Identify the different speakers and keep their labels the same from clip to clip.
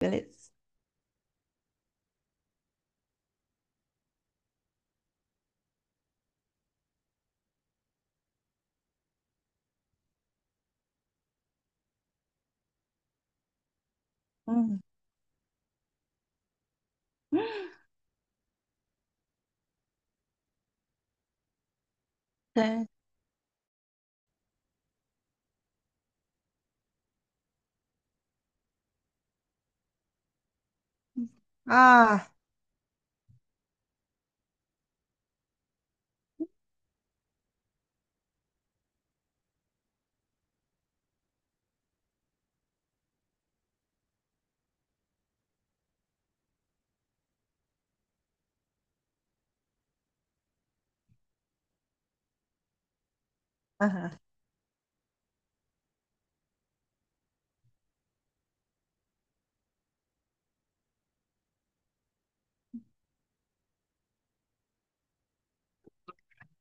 Speaker 1: Beleza. Hum. É. Ah, aham.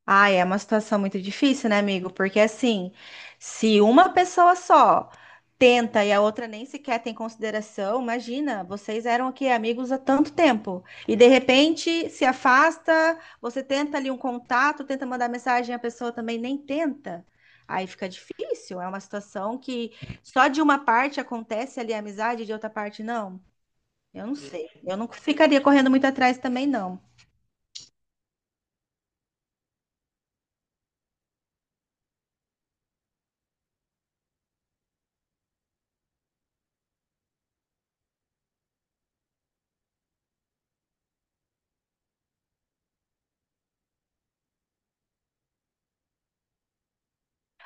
Speaker 1: Ah, é uma situação muito difícil, né, amigo? Porque assim, se uma pessoa só tenta e a outra nem sequer tem consideração, imagina, vocês eram aqui amigos há tanto tempo e de repente se afasta, você tenta ali um contato, tenta mandar mensagem, a pessoa também nem tenta. Aí fica difícil, é uma situação que só de uma parte acontece ali a amizade, de outra parte não. Eu não sei. Eu não ficaria correndo muito atrás também, não.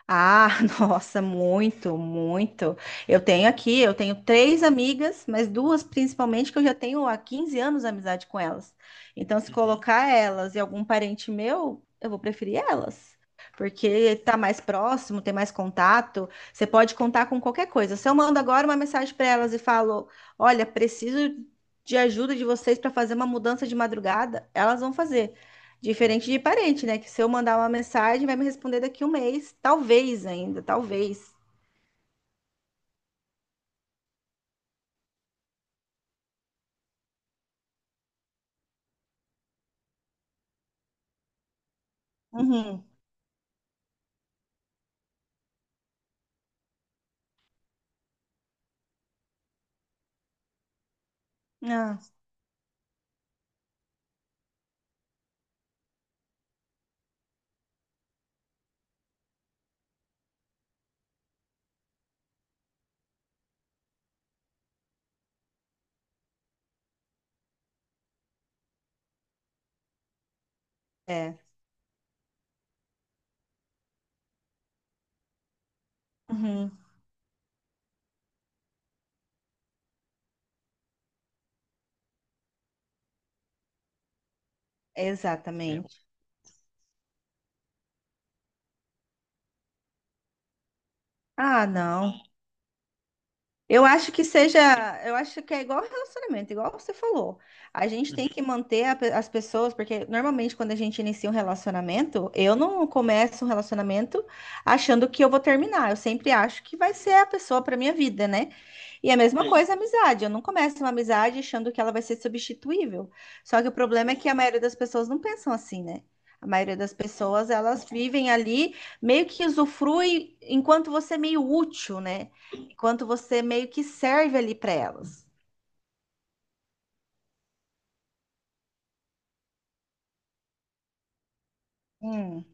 Speaker 1: Ah, nossa, muito, muito. Eu tenho aqui, eu tenho três amigas, mas duas principalmente que eu já tenho há 15 anos amizade com elas. Então, se Uhum. colocar elas e algum parente meu, eu vou preferir elas. Porque tá mais próximo, tem mais contato, você pode contar com qualquer coisa. Se eu mando agora uma mensagem para elas e falo: "Olha, preciso de ajuda de vocês para fazer uma mudança de madrugada", elas vão fazer. Diferente de parente, né? Que se eu mandar uma mensagem, vai me responder daqui um mês. Talvez ainda, talvez. Uhum. Ah, é. Uhum. É. Exatamente. Ah, não. Eu acho que seja, eu acho que é igual relacionamento, igual você falou. A gente tem que manter as pessoas, porque normalmente quando a gente inicia um relacionamento, eu não começo um relacionamento achando que eu vou terminar. Eu sempre acho que vai ser a pessoa para minha vida, né? E a mesma Sim. coisa a amizade. Eu não começo uma amizade achando que ela vai ser substituível. Só que o problema é que a maioria das pessoas não pensam assim, né? A maioria das pessoas, elas vivem ali, meio que usufrui enquanto você é meio útil, né? Enquanto você meio que serve ali para elas. Hum.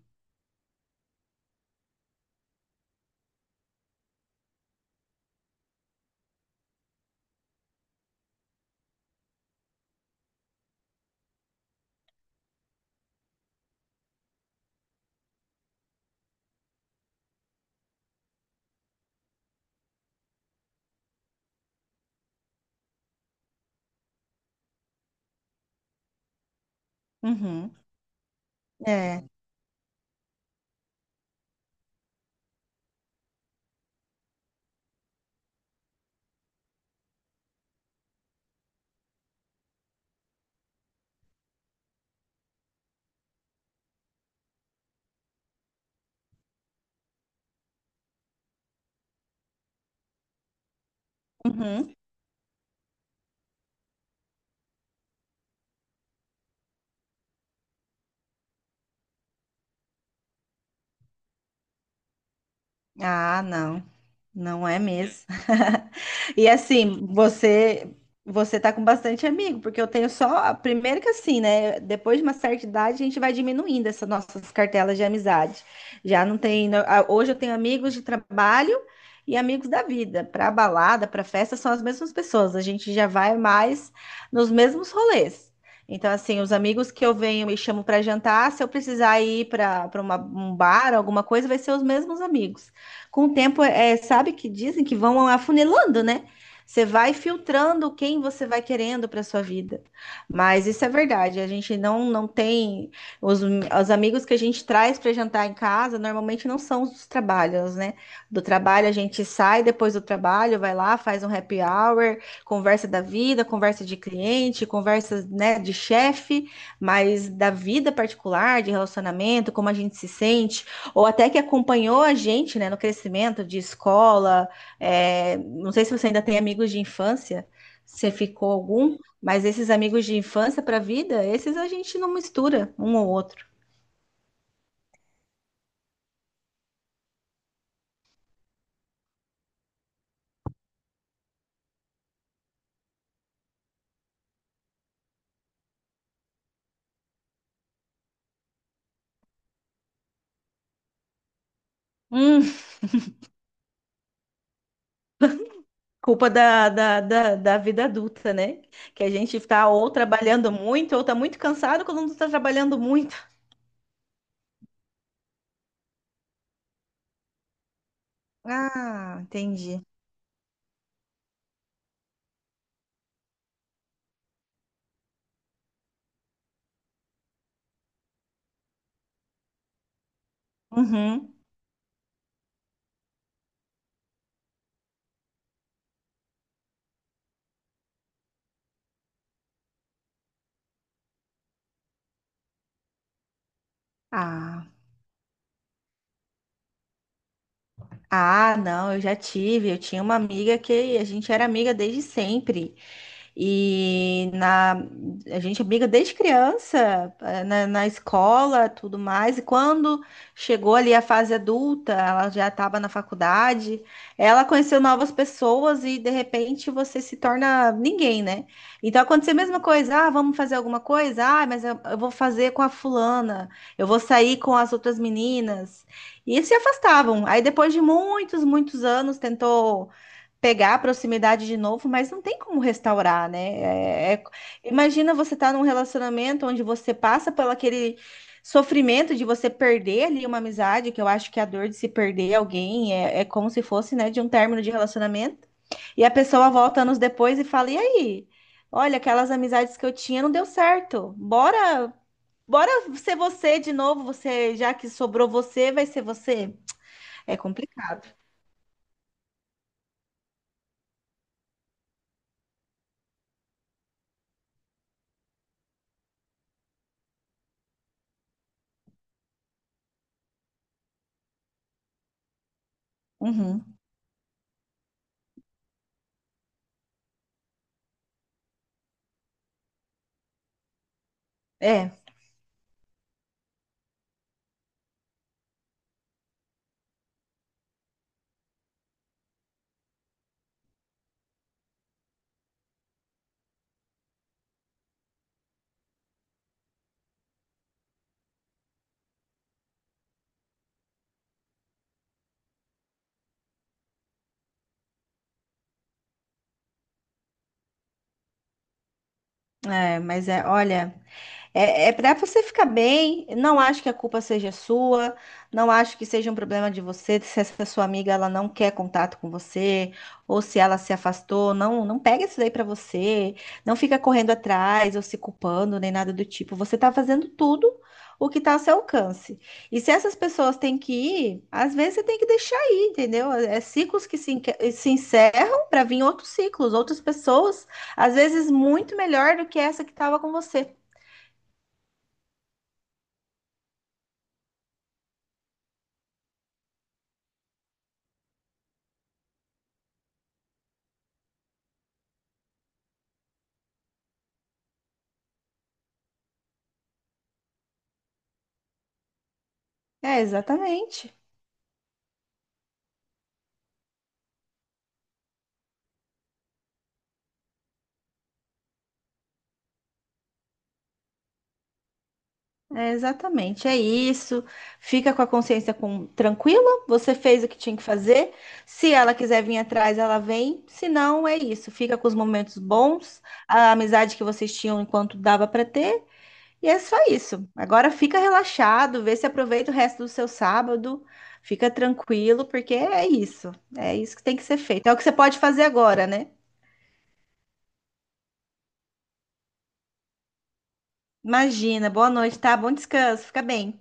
Speaker 1: Uhum. É. Uhum. Ah, não, não é É. mesmo. E assim, você tá com bastante amigo, porque eu tenho só, primeiro que assim, né, depois de uma certa idade a gente vai diminuindo essas nossas cartelas de amizade. Já não tem, hoje eu tenho amigos de trabalho e amigos da vida. Para balada, para festa são as mesmas pessoas, a gente já vai mais nos mesmos rolês. Então, assim, os amigos que eu venho e chamo para jantar, se eu precisar ir para um bar, alguma coisa, vai ser os mesmos amigos com o tempo, é, sabe que dizem que vão afunilando, né? Você vai filtrando quem você vai querendo para sua vida. Mas isso é verdade, a gente não, não tem os amigos que a gente traz para jantar em casa, normalmente não são os dos trabalhos, né? Do trabalho a gente sai depois do trabalho, vai lá, faz um happy hour, conversa da vida, conversa de cliente, conversa, né, de chefe, mas da vida particular, de relacionamento, como a gente se sente, ou até que acompanhou a gente, né, no crescimento de escola. É, não sei se você ainda tem amigos de infância, se ficou algum, mas esses amigos de infância para a vida, esses a gente não mistura um ou outro. Hum, culpa da vida adulta, né? Que a gente está ou trabalhando muito, ou está muito cansado quando não está trabalhando muito. Ah, entendi. Uhum. Ah. Ah, não, eu já tive. Eu tinha uma amiga que a gente era amiga desde sempre. E a gente é amiga desde criança, na escola, tudo mais. E quando chegou ali a fase adulta, ela já estava na faculdade, ela conheceu novas pessoas e de repente você se torna ninguém, né? Então aconteceu a mesma coisa, ah, vamos fazer alguma coisa? Ah, mas eu vou fazer com a fulana, eu vou sair com as outras meninas. E se afastavam. Aí depois de muitos, muitos anos, tentou pegar a proximidade de novo, mas não tem como restaurar, né? Imagina você estar num relacionamento onde você passa por aquele sofrimento de você perder ali uma amizade, que eu acho que a dor de se perder alguém é, é como se fosse, né, de um término de relacionamento. E a pessoa volta anos depois e fala: E aí? Olha, aquelas amizades que eu tinha não deu certo. Bora, bora ser você de novo. Você, já que sobrou você, vai ser você. É complicado. Uhum. É. Olha, é para você ficar bem. Não acho que a culpa seja sua. Não acho que seja um problema de você. Se essa sua amiga ela não quer contato com você ou se ela se afastou, não, não pega isso daí pra você. Não fica correndo atrás ou se culpando nem nada do tipo. Você tá fazendo tudo o que tá ao seu alcance. E se essas pessoas têm que ir, às vezes você tem que deixar ir, entendeu? É é ciclos que se encerram pra vir outros ciclos, outras pessoas, às vezes muito melhor do que essa que tava com você. É exatamente. É exatamente. É isso. Fica com a consciência tranquila. Você fez o que tinha que fazer. Se ela quiser vir atrás, ela vem. Se não, é isso. Fica com os momentos bons, a amizade que vocês tinham enquanto dava para ter. E é só isso. Agora fica relaxado, vê se aproveita o resto do seu sábado. Fica tranquilo, porque é isso. É isso que tem que ser feito. É o que você pode fazer agora, né? Imagina. Boa noite, tá? Bom descanso. Fica bem.